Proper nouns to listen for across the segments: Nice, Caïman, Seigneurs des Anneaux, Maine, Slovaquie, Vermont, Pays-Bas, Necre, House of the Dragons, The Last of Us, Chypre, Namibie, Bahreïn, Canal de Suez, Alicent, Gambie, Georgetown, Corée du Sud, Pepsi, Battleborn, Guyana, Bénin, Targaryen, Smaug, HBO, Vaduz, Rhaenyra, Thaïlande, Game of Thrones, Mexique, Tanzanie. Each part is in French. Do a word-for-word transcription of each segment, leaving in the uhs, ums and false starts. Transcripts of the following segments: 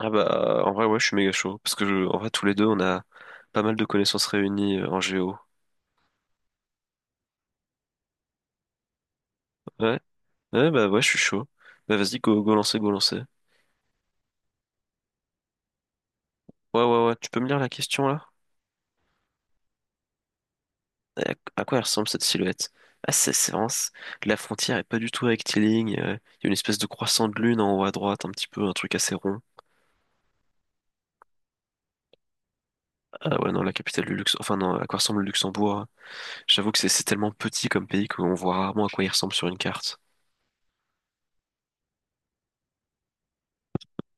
Ah bah en vrai, ouais, je suis méga chaud parce que je- en vrai tous les deux on a pas mal de connaissances réunies euh, en géo. Ouais, ouais, bah ouais, je suis chaud. Bah vas-y, go, go lancer, go lancer. Ouais, ouais, ouais, tu peux me lire la question là? À à quoi elle ressemble cette silhouette? Ah, c'est c'est vraiment c- la frontière est pas du tout rectiligne. euh, Il y a une espèce de croissant de lune en haut à droite, un petit peu un truc assez rond. Ah ouais, non, la capitale du Luxembourg, enfin non, à quoi ressemble le Luxembourg? J'avoue que c'est c'est tellement petit comme pays qu'on voit rarement à quoi il ressemble sur une carte.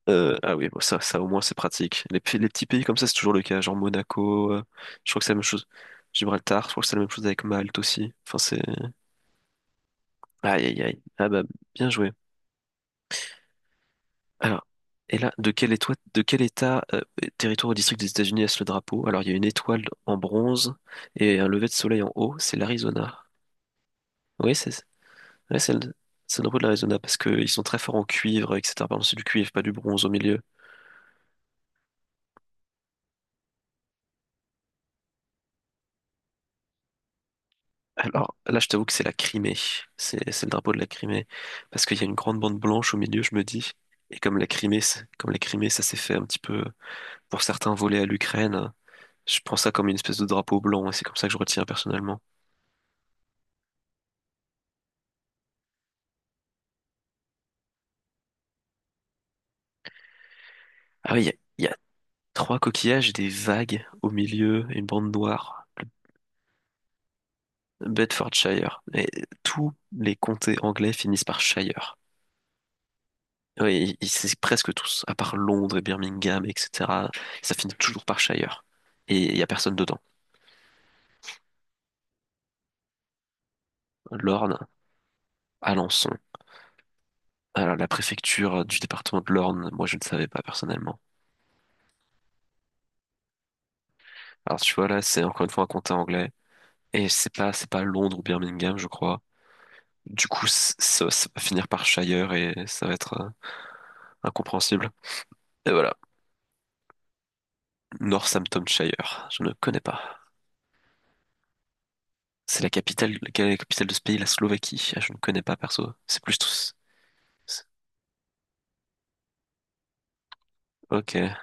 Euh, ah oui, bon, ça, ça au moins c'est pratique. Les, p- les petits pays comme ça, c'est toujours le cas. Genre Monaco, euh, je crois que c'est la même chose. Gibraltar, je crois que c'est la même chose avec Malte aussi. Enfin, c'est. Aïe, aïe, aïe. Ah bah, bien joué. Alors, et là, de quel, étoi- de quel état, euh, territoire ou district des États-Unis est-ce le drapeau? Alors, il y a une étoile en bronze et un lever de soleil en haut, c'est l'Arizona. Oui, c'est Ouais, c'est le, c'est le drapeau de l'Arizona parce qu'ils sont très forts en cuivre, et cetera. Pardon, c'est du cuivre, pas du bronze au milieu. Alors là, je t'avoue que c'est la Crimée. C'est c'est le drapeau de la Crimée. Parce qu'il y a une grande bande blanche au milieu, je me dis. Et comme la Crimée, c'est- comme la Crimée, ça s'est fait un petit peu, pour certains, voler à l'Ukraine, je prends ça comme une espèce de drapeau blanc. Et c'est comme ça que je retiens personnellement. Ah oui, il y a, il y a trois coquillages, des vagues au milieu, et une bande noire. Bedfordshire. Et tous les comtés anglais finissent par Shire. Oui, ils- c'est presque tous, à part Londres et Birmingham, et cetera. Ça finit toujours par Shire. Et il y a personne dedans. L'Orne, Alençon. Alors, la préfecture du département de l'Orne, moi, je ne savais pas personnellement. Alors, tu vois, là, c'est encore une fois un comté anglais. Et c'est pas, c'est pas Londres ou Birmingham, je crois. Du coup, c- ça, ça va finir par Shire et ça va être euh, incompréhensible. Et voilà. Northamptonshire. Je ne connais pas. C'est la capitale, quelle est la capitale de ce pays? La Slovaquie. Ah, je ne connais pas, perso. C'est plus tous. Ok. Eh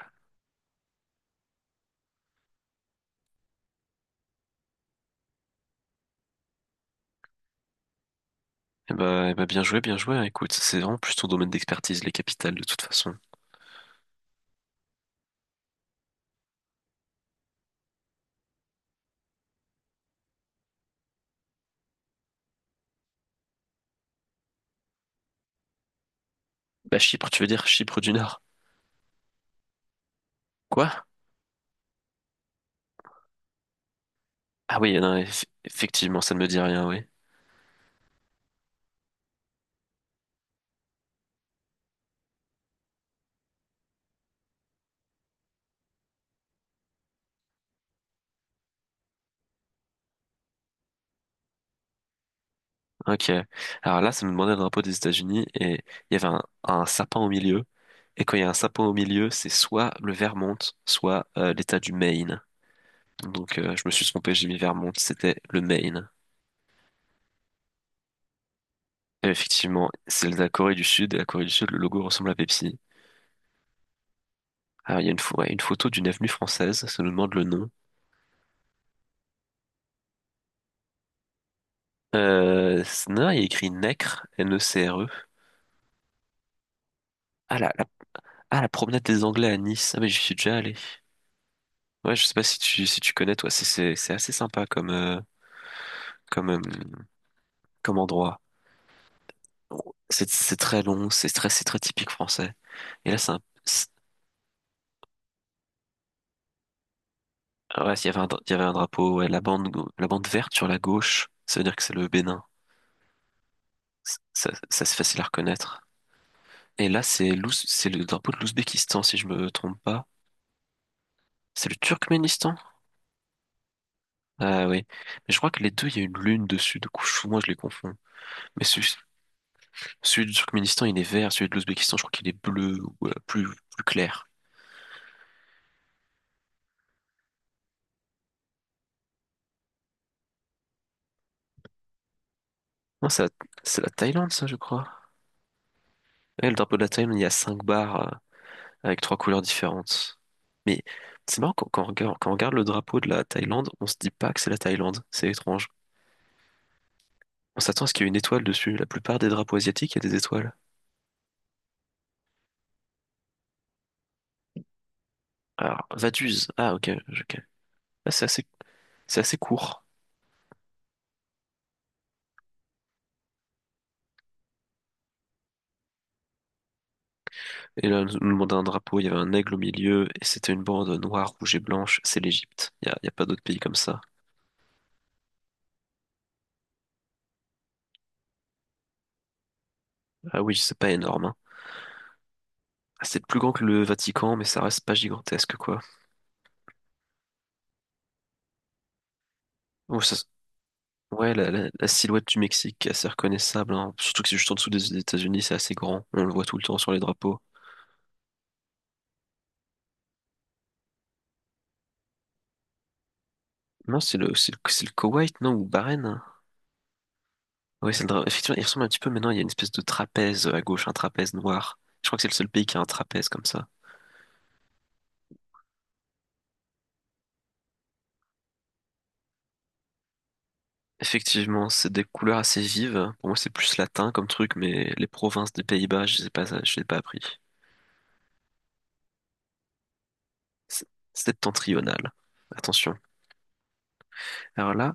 ben, eh ben, bien joué, bien joué, hein. Écoute, c'est vraiment plus ton domaine d'expertise, les capitales, de toute façon. Bah, Chypre, tu veux dire Chypre du Nord? Quoi? Ah oui, non, eff- effectivement, ça ne me dit rien, oui. Ok. Alors là, ça me demandait le drapeau des États-Unis et il y avait un, un sapin au milieu. Et quand il y a un sapin au milieu, c'est soit le Vermont, soit euh, l'État du Maine. Donc euh, je me suis trompé, j'ai mis Vermont, c'était le Maine. Et effectivement, c'est la Corée du Sud et la Corée du Sud, le logo ressemble à Pepsi. Alors il y a une, pho- ouais, une photo d'une avenue française, ça nous demande le nom. Euh, c'est- non, il y a écrit Necre, N-E-C-R-E. Ah la, la, ah, la promenade des Anglais à Nice. Ah mais j'y suis déjà allé. Ouais, je sais pas si tu si tu connais toi, c'est c'est c'est assez sympa comme euh, comme euh, comme endroit. C'est c'est très long, c'est très c'est très typique français. Et là, c'est un c'est- ouais, il y avait un dra- il y avait un drapeau, ouais, la bande gau- la bande verte sur la gauche, ça veut dire que c'est le Bénin. C- Ça ça c'est facile à reconnaître. Et là, c'est l'Ouz- c'est le drapeau de l'Ouzbékistan si je me trompe pas. C'est le Turkménistan? Ah oui. Mais je crois que les deux, il y a une lune dessus, du coup, je- moi je les confonds. Mais celui, celui du Turkménistan, il est vert, celui de l'Ouzbékistan, je crois qu'il est bleu ou euh, plus, plus clair. Non, c'est la, c'est la Thaïlande, ça, je crois. Ouais, le drapeau de la Thaïlande, il y a cinq barres euh, avec trois couleurs différentes. Mais c'est marrant, quand, quand on regarde, quand on regarde le drapeau de la Thaïlande, on se dit pas que c'est la Thaïlande. C'est étrange. On s'attend à ce qu'il y ait une étoile dessus. La plupart des drapeaux asiatiques, il y a des étoiles. Alors, Vaduz. Ah, ok. Ok. Ah, c'est assez, c'est assez court. Et là, on nous demandait un drapeau, il y avait un aigle au milieu, et c'était une bande noire, rouge et blanche. C'est l'Égypte. Il y a, il y a pas d'autre pays comme ça. Ah oui, c'est pas énorme, hein. Ah, c'est plus grand que le Vatican, mais ça reste pas gigantesque, quoi. Oh, ça, ouais, la, la- la silhouette du Mexique est assez reconnaissable, hein. Surtout que c'est juste en dessous des États-Unis, c'est assez grand. On le voit tout le temps sur les drapeaux. Non, c'est le, c'est le, c'est le Koweït, non, ou Bahreïn, hein. Ouais, c'est le dra- effectivement, il ressemble un petit peu maintenant. Il y a une espèce de trapèze euh, à gauche, un trapèze noir. Je crois que c'est le seul pays qui a un trapèze comme ça. Effectivement, c'est des couleurs assez vives. Pour moi, c'est plus latin comme truc, mais les provinces des Pays-Bas, je sais pas, ça- je l'ai pas appris. C'est c'est septentrional. Attention. Alors là,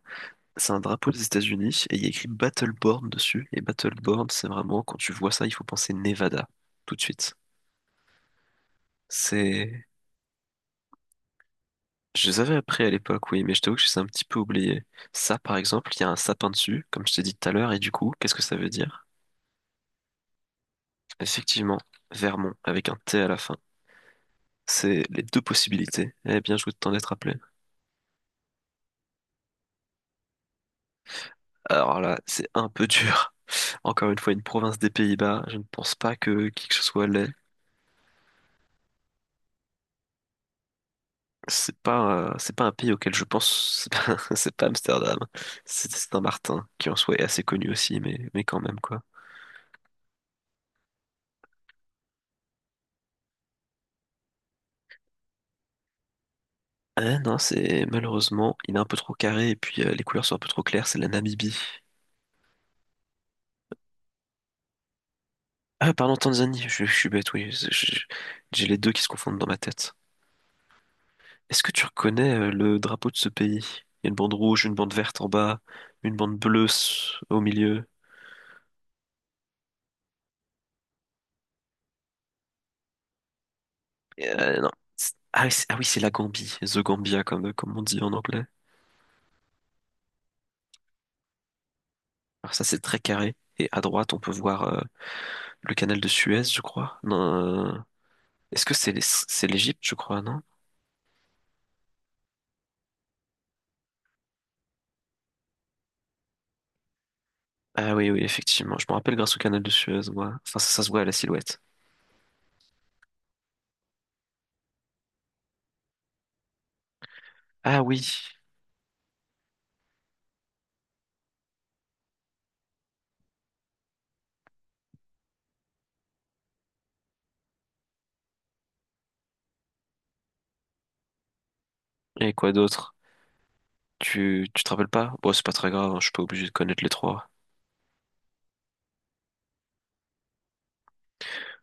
c'est un drapeau des États-Unis et il y a écrit Battleborn dessus. Et Battleborn, c'est vraiment, quand tu vois ça, il faut penser Nevada tout de suite. C'est. Je les avais appris à l'époque, oui, mais je t'avoue que je les ai un petit peu oubliés. Ça, par exemple, il y a un sapin dessus, comme je t'ai dit tout à l'heure, et du coup, qu'est-ce que ça veut dire? Effectivement, Vermont, avec un T à la fin. C'est les deux possibilités. Eh bien, je vous t'en être rappelé. Alors là, c'est un peu dur. Encore une fois, une province des Pays-Bas, je ne pense pas que qui que ce soit l'ait. C'est pas, euh, c'est pas un pays auquel je pense, c'est pas, c'est pas Amsterdam, c'est Saint-Martin, qui en soi est assez connu aussi, mais, mais, quand même quoi. Ah non, c'est malheureusement, il est un peu trop carré et puis euh, les couleurs sont un peu trop claires, c'est la Namibie. Ah, pardon, Tanzanie, je, je suis bête, oui, je- je- j'ai les deux qui se confondent dans ma tête. Est-ce que tu reconnais euh, le drapeau de ce pays? Il y a une bande rouge, une bande verte en bas, une bande bleue s- au milieu. Euh, non. C'est- Ah, oui, c'est ah oui, c'est la Gambie, The Gambia comme, euh, comme on dit en anglais. Alors ça, c'est très carré. Et à droite, on peut voir euh, le canal de Suez, je crois. Non, euh, est-ce que c'est l'Es- c'est l'Égypte, je crois, non? Ah oui, oui, effectivement. Je me rappelle grâce au canal de Suez, moi. Enfin, ça, ça se voit à la silhouette. Ah oui. Et quoi d'autre? Tu, tu te rappelles pas? Bon, c'est pas très grave, hein, je suis pas obligé de connaître les trois.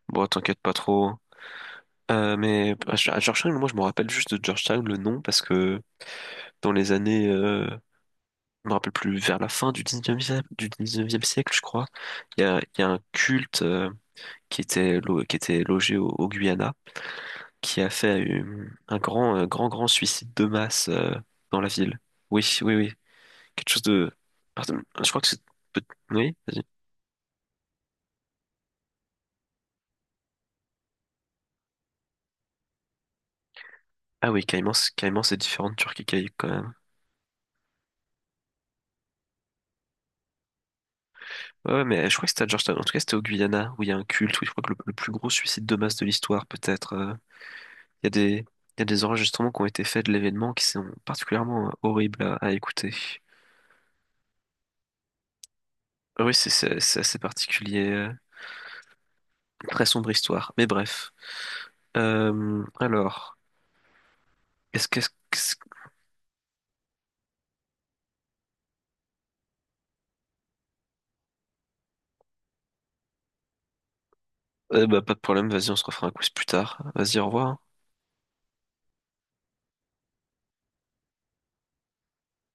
Bon, t'inquiète pas trop, hein. Euh, mais à Ge- à Georgetown, moi, je me rappelle juste de Georgetown, le nom, parce que dans les années euh, je me rappelle plus, vers la fin du dix-neuvième du dix-neuvième siècle, je crois, il y a, il y a un culte euh, qui était, lo- qui était logé au, au Guyana, qui a fait une- un grand, euh, grand, grand suicide de masse euh, dans la ville. Oui, oui, oui. Quelque chose de... Pardon, je crois que c'est... peut- Oui, vas-y. Ah oui, Caïman, c'est- Caïman, c'est différent de Turquie Caïque quand même. Ouais, ouais, mais je crois que c'était à Georgetown. En tout cas, c'était au Guyana, où il y a un culte, où je crois que le, le plus gros suicide de masse de l'histoire, peut-être. euh. Il y a des, il y a des enregistrements qui ont été faits de l'événement qui sont particulièrement euh, horribles à à écouter. Oui, c'est c'est- c'est assez particulier. euh, Très sombre histoire. Mais bref. Euh, alors, est-ce que... est-ce que- euh, bah, pas de problème, vas-y, on se refera un quiz plus tard. Vas-y, au revoir.